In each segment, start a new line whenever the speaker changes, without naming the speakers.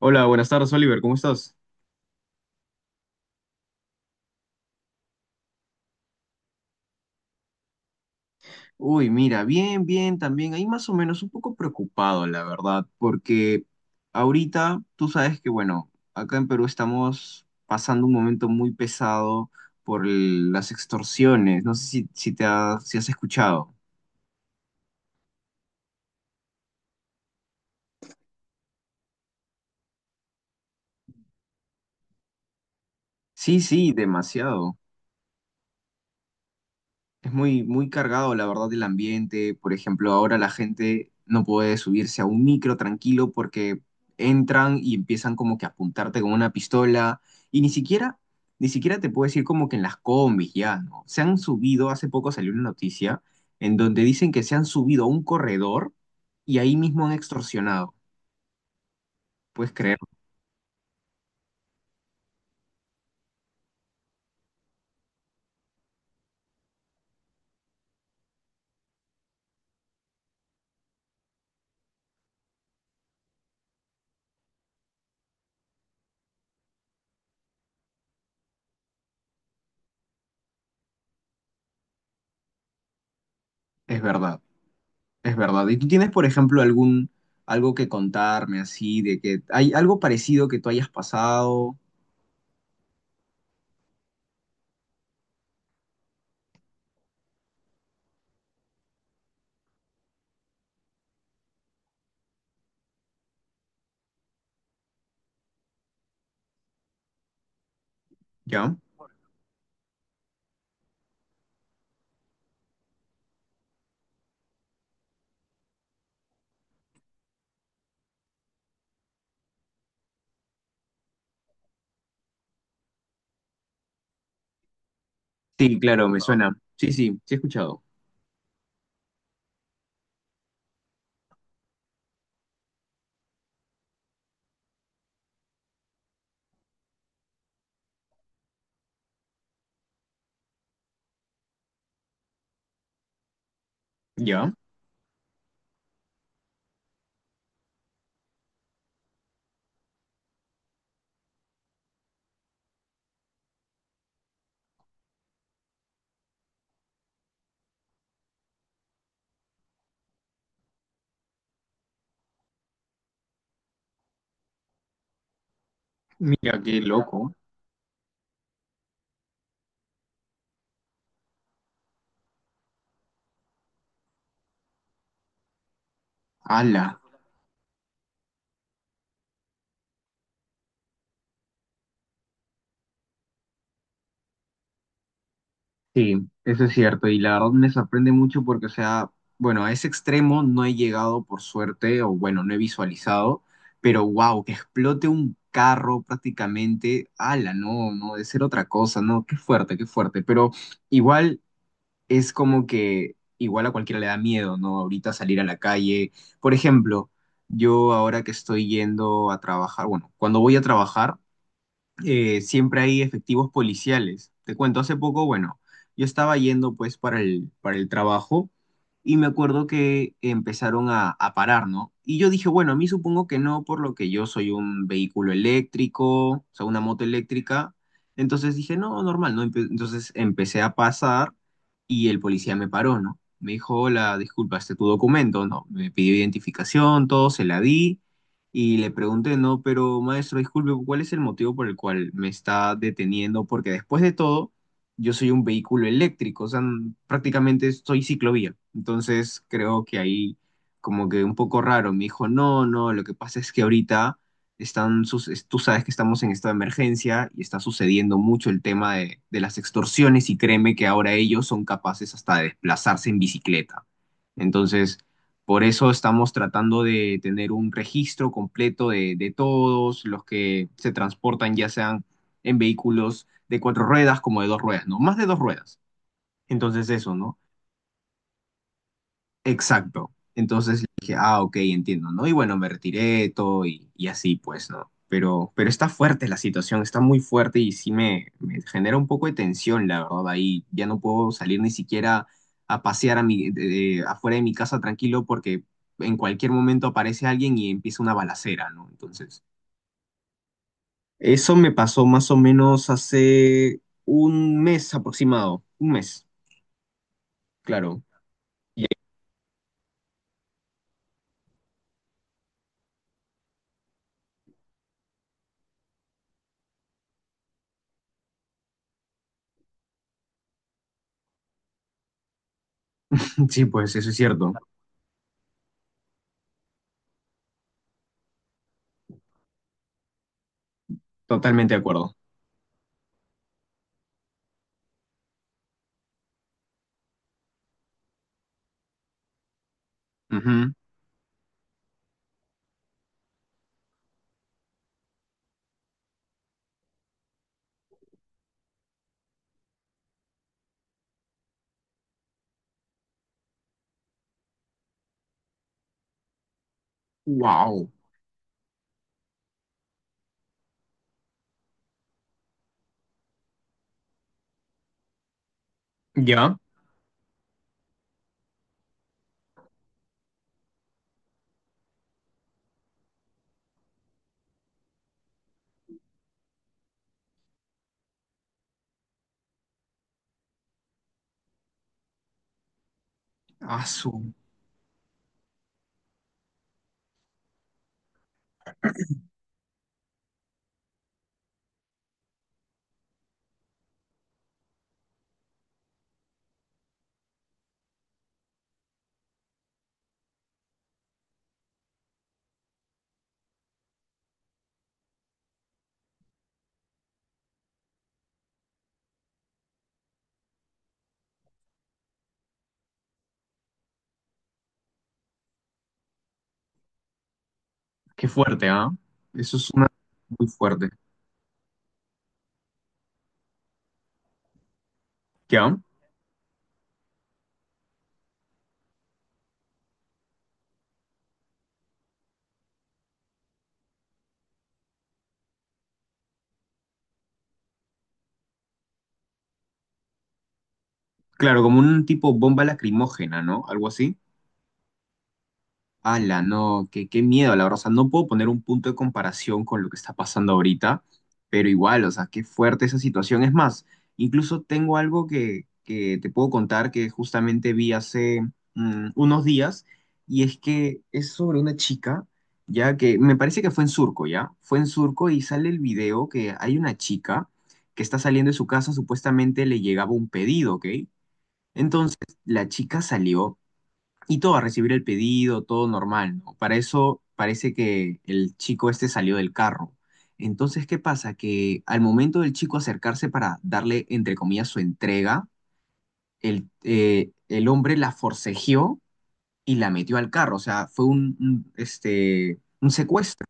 Hola, buenas tardes, Oliver, ¿cómo estás? Uy, mira, bien, bien, también ahí más o menos un poco preocupado, la verdad, porque ahorita tú sabes que, bueno, acá en Perú estamos pasando un momento muy pesado las extorsiones, no sé si si has escuchado. Sí, sí, demasiado. Es muy, muy cargado, la verdad, el ambiente. Por ejemplo, ahora la gente no puede subirse a un micro tranquilo porque entran y empiezan como que a apuntarte con una pistola y ni siquiera, ni siquiera te puedes ir como que en las combis ya, ¿no? Se han subido, hace poco salió una noticia en donde dicen que se han subido a un corredor y ahí mismo han extorsionado. ¿Puedes creer? Es verdad, es verdad. ¿Y tú tienes, por ejemplo, algún, algo que contarme así, de que hay algo parecido que tú hayas pasado, ya? Sí, claro, me suena. Sí, sí, sí he escuchado. Ya, mira, qué loco. Ala. Sí, eso es cierto. Y la verdad me sorprende mucho porque, o sea, bueno, a ese extremo no he llegado por suerte, o bueno, no he visualizado, pero wow, que explote un carro prácticamente. Ala, no, no, debe ser otra cosa, no, qué fuerte, qué fuerte. Pero igual, es como que igual a cualquiera le da miedo, ¿no? Ahorita salir a la calle. Por ejemplo, yo ahora que estoy yendo a trabajar, bueno, cuando voy a trabajar, siempre hay efectivos policiales. Te cuento, hace poco, bueno, yo estaba yendo pues para el trabajo y me acuerdo que empezaron a parar, ¿no? Y yo dije, bueno, a mí supongo que no, por lo que yo soy un vehículo eléctrico, o sea, una moto eléctrica. Entonces dije, no, normal, ¿no? Entonces empecé a pasar y el policía me paró, ¿no? Me dijo, hola, disculpa, este es tu documento, ¿no? Me pidió identificación, todo, se la di. Y le pregunté, no, pero maestro, disculpe, ¿cuál es el motivo por el cual me está deteniendo? Porque después de todo, yo soy un vehículo eléctrico, o sea, prácticamente soy ciclovía. Entonces creo que ahí como que un poco raro. Me dijo, no, no, lo que pasa es que ahorita tú sabes que estamos en estado de emergencia y está sucediendo mucho el tema de las extorsiones y créeme que ahora ellos son capaces hasta de desplazarse en bicicleta. Entonces... Por eso estamos tratando de tener un registro completo de todos los que se transportan, ya sean en vehículos de cuatro ruedas como de dos ruedas, ¿no? Más de dos ruedas. Entonces eso, ¿no? Exacto. Entonces le dije, ah, ok, entiendo, ¿no? Y bueno, me retiré todo y así, pues, ¿no? Pero está fuerte la situación, está muy fuerte y sí me genera un poco de tensión, la verdad. Ahí ya no puedo salir ni siquiera a pasear a mi, de- afuera de mi casa tranquilo porque en cualquier momento aparece alguien y empieza una balacera, ¿no? Entonces, eso me pasó más o menos hace un mes aproximado, un mes, claro. Sí, pues, eso es cierto, totalmente de acuerdo. Ujú. Wow. Ya. Asu. Qué fuerte, ¿ah? Eso es una muy fuerte. Ya. Claro, como un tipo bomba lacrimógena, ¿no? Algo así. Ala, no, qué, qué miedo, la verdad. O sea, no puedo poner un punto de comparación con lo que está pasando ahorita, pero igual, o sea, qué fuerte esa situación. Es más, incluso tengo algo que te puedo contar que justamente vi hace unos días, y es que es sobre una chica, ya que me parece que fue en Surco, ¿ya? Fue en Surco y sale el video que hay una chica que está saliendo de su casa, supuestamente le llegaba un pedido, ¿ok? Entonces, la chica salió y todo, a recibir el pedido, todo normal, ¿no? Para eso parece que el chico este salió del carro. Entonces, ¿qué pasa? Que al momento del chico acercarse para darle, entre comillas, su entrega, el hombre la forcejeó y la metió al carro. O sea, fue un secuestro.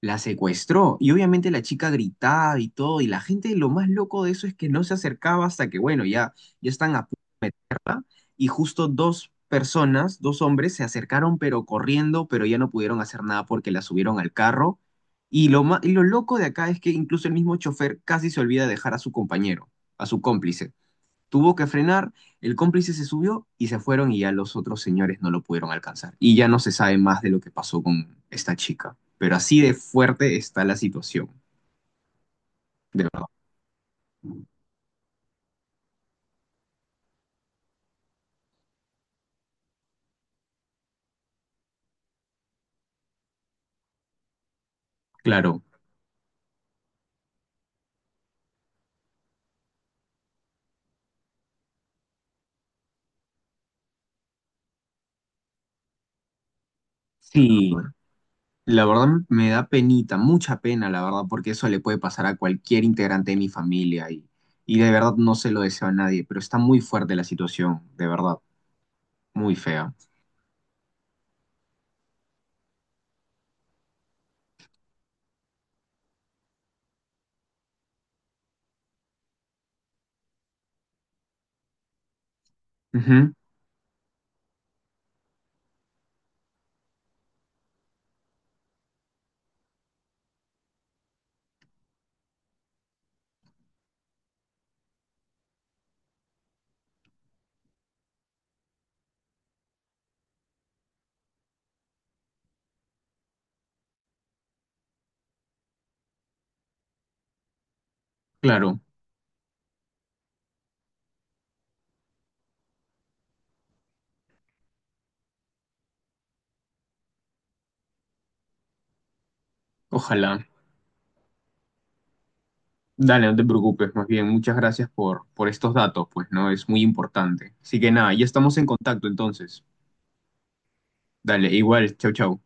La secuestró y obviamente la chica gritaba y todo y la gente lo más loco de eso es que no se acercaba hasta que bueno, ya, ya están a punto de meterla y justo dos personas, dos hombres se acercaron pero corriendo pero ya no pudieron hacer nada porque la subieron al carro y y lo loco de acá es que incluso el mismo chofer casi se olvida de dejar a su compañero, a su cómplice tuvo que frenar, el cómplice se subió y se fueron y ya los otros señores no lo pudieron alcanzar. Y ya no se sabe más de lo que pasó con esta chica. Pero así de fuerte está la situación, de verdad. Claro, sí, la verdad me da penita, mucha pena, la verdad, porque eso le puede pasar a cualquier integrante de mi familia y de verdad no se lo deseo a nadie, pero está muy fuerte la situación, de verdad, muy fea. Ujú, claro, ojalá. Dale, no te preocupes, más bien, muchas gracias por estos datos, pues, ¿no? Es muy importante. Así que nada, ya estamos en contacto entonces. Dale, igual, chau, chau.